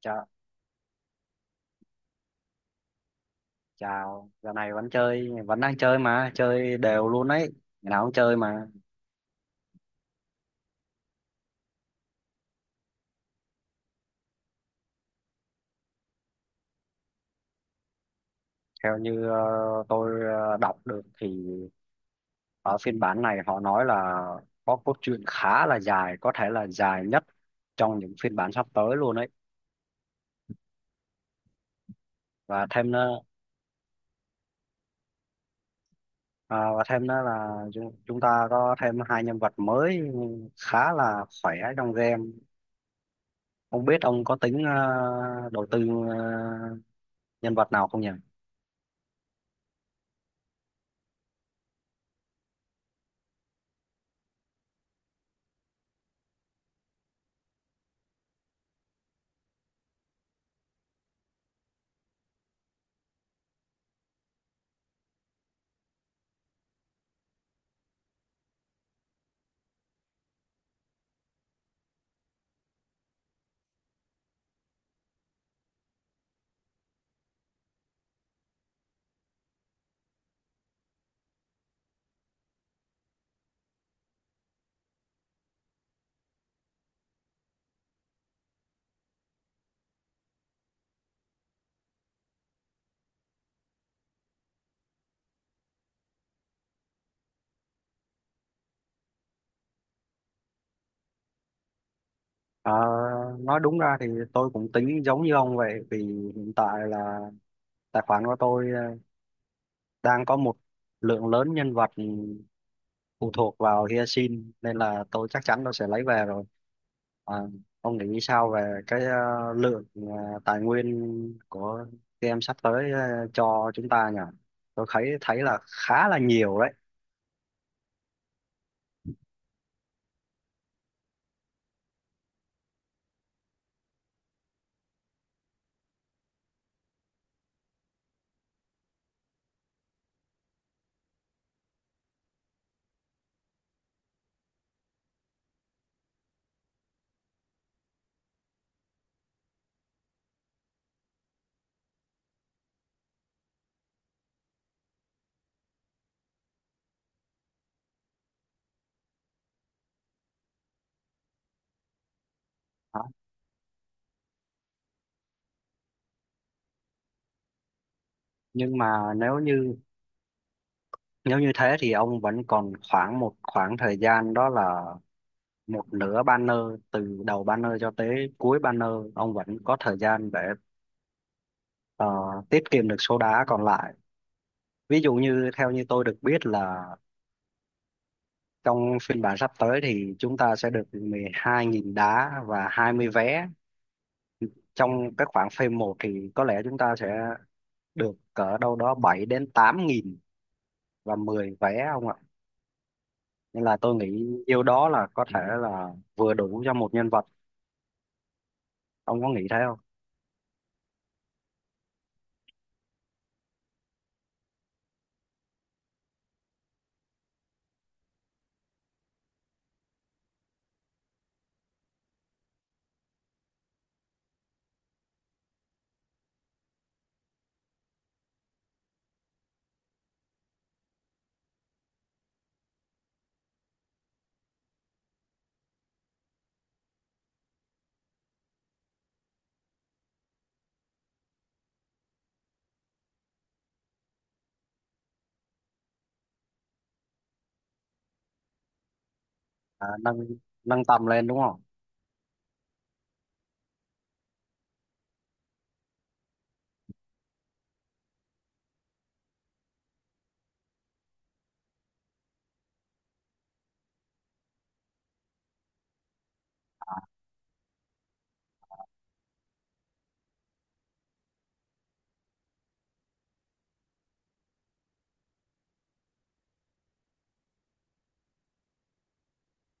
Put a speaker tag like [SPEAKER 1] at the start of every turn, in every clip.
[SPEAKER 1] Chào, chào, giờ này vẫn chơi, vẫn đang chơi mà, chơi đều luôn đấy, ngày nào cũng chơi mà. Theo như tôi đọc được thì ở phiên bản này họ nói là có cốt truyện khá là dài, có thể là dài nhất trong những phiên bản sắp tới luôn đấy. Và thêm nữa, và thêm nữa là chúng ta có thêm hai nhân vật mới khá là khỏe trong game. Không biết ông có tính đầu tư nhân vật nào không nhỉ? Ờ, nói đúng ra thì tôi cũng tính giống như ông vậy, vì hiện tại là tài khoản của tôi đang có một lượng lớn nhân vật phụ thuộc vào Hyacinth, nên là tôi chắc chắn tôi sẽ lấy về rồi. Ờ, ông nghĩ sao về cái lượng tài nguyên của game sắp tới cho chúng ta nhỉ? Tôi thấy thấy là khá là nhiều đấy. Đó. Nhưng mà nếu như thế thì ông vẫn còn khoảng một khoảng thời gian, đó là một nửa banner, từ đầu banner cho tới cuối banner. Ông vẫn có thời gian để ờ, tiết kiệm được số đá còn lại. Ví dụ như theo như tôi được biết, là trong phiên bản sắp tới thì chúng ta sẽ được 12.000 đá và 20 vé. Trong cái khoảng phase 1 thì có lẽ chúng ta sẽ được cỡ đâu đó 7.000 đến 8.000 và 10 vé, không ạ? Nên là tôi nghĩ nhiêu đó là có thể là vừa đủ cho một nhân vật. Ông có nghĩ thế không? À, nâng nâng tầm lên đúng không?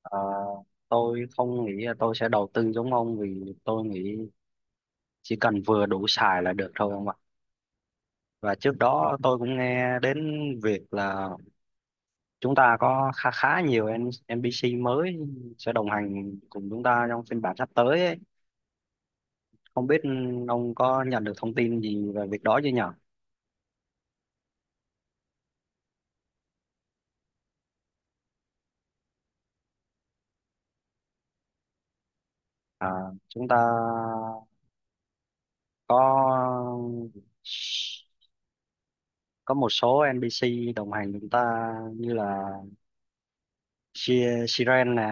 [SPEAKER 1] Ờ, tôi không nghĩ là tôi sẽ đầu tư giống ông, vì tôi nghĩ chỉ cần vừa đủ xài là được thôi, ông ạ. Và trước đó tôi cũng nghe đến việc là chúng ta có khá khá nhiều NPC mới sẽ đồng hành cùng chúng ta trong phiên bản sắp tới ấy. Không biết ông có nhận được thông tin gì về việc đó chưa nhỉ? À, chúng ta có có một số NPC đồng hành chúng ta, như là Siren nè,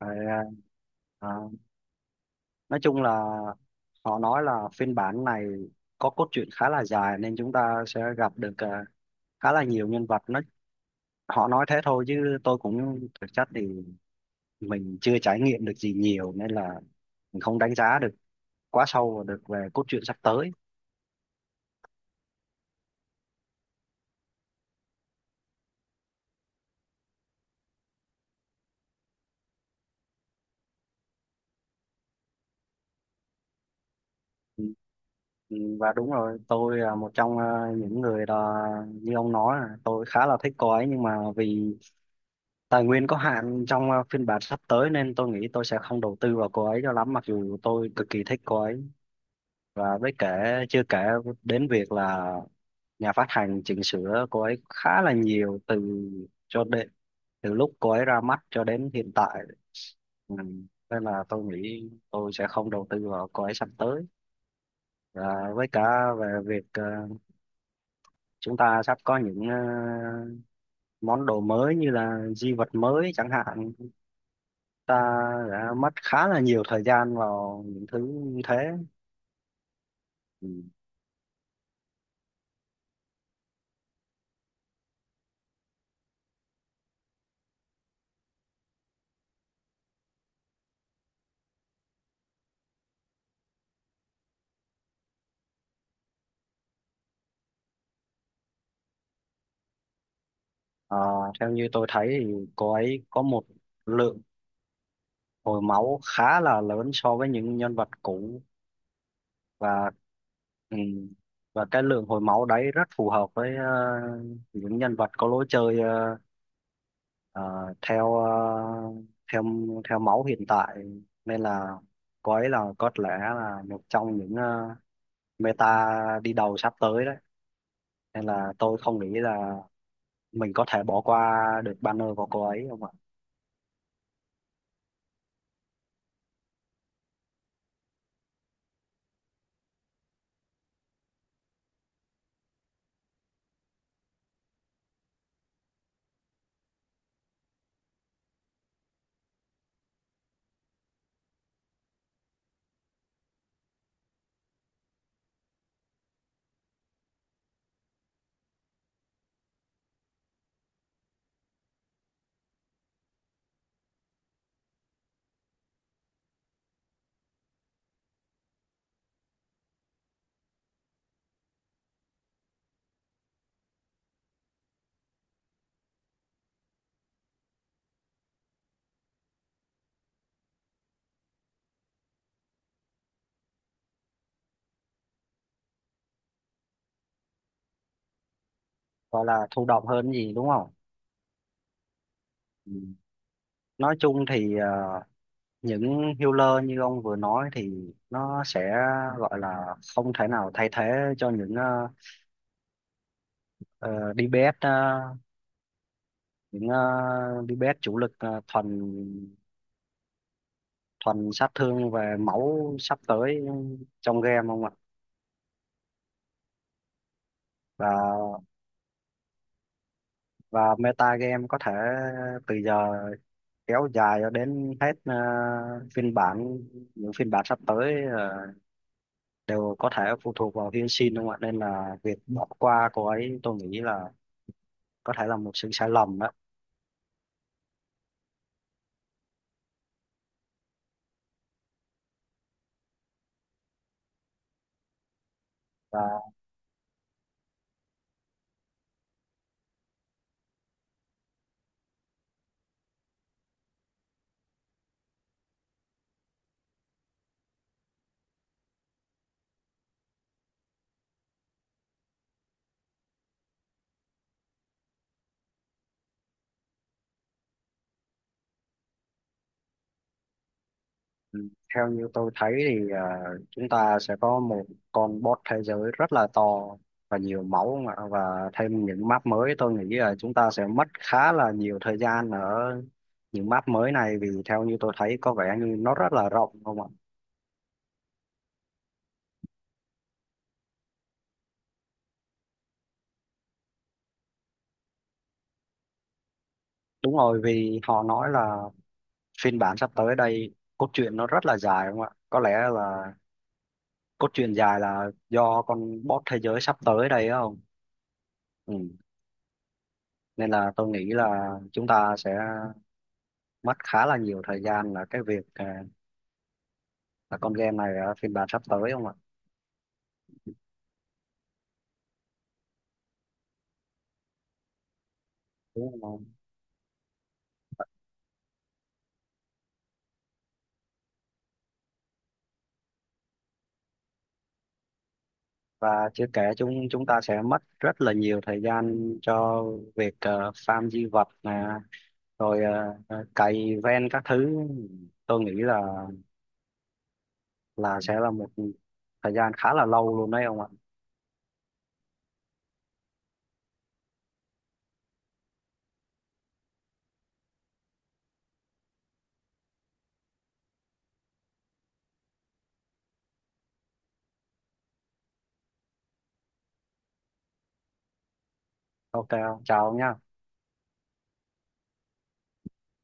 [SPEAKER 1] rồi, à, nói chung là họ nói là phiên bản này có cốt truyện khá là dài, nên chúng ta sẽ gặp được khá là nhiều nhân vật. Nó họ nói thế thôi, chứ tôi cũng thực chất thì mình chưa trải nghiệm được gì nhiều, nên là mình không đánh giá được quá sâu vào được về cốt truyện sắp tới. Ừ, ừ, và đúng rồi, tôi là một trong những người là, như ông nói, là tôi khá là thích cô ấy. Nhưng mà vì tài nguyên có hạn trong phiên bản sắp tới, nên tôi nghĩ tôi sẽ không đầu tư vào cô ấy cho lắm, mặc dù tôi cực kỳ thích cô ấy. Và với kể chưa kể đến việc là nhà phát hành chỉnh sửa cô ấy khá là nhiều, từ cho đến từ lúc cô ấy ra mắt cho đến hiện tại. Ừ. Nên là tôi nghĩ tôi sẽ không đầu tư vào cô ấy sắp tới. Và với cả về việc chúng ta sắp có những món đồ mới, như là di vật mới chẳng hạn, ta đã mất khá là nhiều thời gian vào những thứ như thế. Ừ. Ờ, theo như tôi thấy thì cô ấy có một lượng hồi máu khá là lớn so với những nhân vật cũ. Và ừ, và cái lượng hồi máu đấy rất phù hợp với những nhân vật có lối chơi ờ, ờ, theo theo máu hiện tại. Nên là cô ấy là có lẽ là một trong những meta đi đầu sắp tới đấy, nên là tôi không nghĩ là mình có thể bỏ qua được banner của cô ấy, không ạ. Gọi là thụ động hơn gì đúng không? Ừ. Nói chung thì những healer như ông vừa nói thì nó sẽ gọi là không thể nào thay thế cho những DPS, những DPS chủ lực, thuần thuần sát thương về máu sắp tới trong game, không ạ. Và và meta game có thể từ giờ kéo dài cho đến hết phiên bản những phiên bản sắp tới, đều có thể phụ thuộc vào hy sinh, đúng không ạ? Nên là việc bỏ qua cô ấy tôi nghĩ là có thể là một sự sai lầm đó. và ừ, Theo như tôi thấy thì chúng ta sẽ có một con boss thế giới rất là to và nhiều máu, không ạ? Và thêm những map mới, tôi nghĩ là chúng ta sẽ mất khá là nhiều thời gian ở những map mới này, vì theo như tôi thấy có vẻ như nó rất là rộng, không ạ. Đúng rồi, vì họ nói là phiên bản sắp tới đây cốt truyện nó rất là dài, đúng không ạ? Có lẽ là cốt truyện dài là do con boss thế giới sắp tới đây á, không? Ừ. Nên là tôi nghĩ là chúng ta sẽ mất khá là nhiều thời gian là cái việc là con game này ở phiên bản sắp tới, không ạ? Đúng không? Và chưa kể chúng chúng ta sẽ mất rất là nhiều thời gian cho việc farm di vật nè, rồi cày ven các thứ. Tôi nghĩ là sẽ là một thời gian khá là lâu luôn đấy, ông ạ. OK, ông chào ông nhá.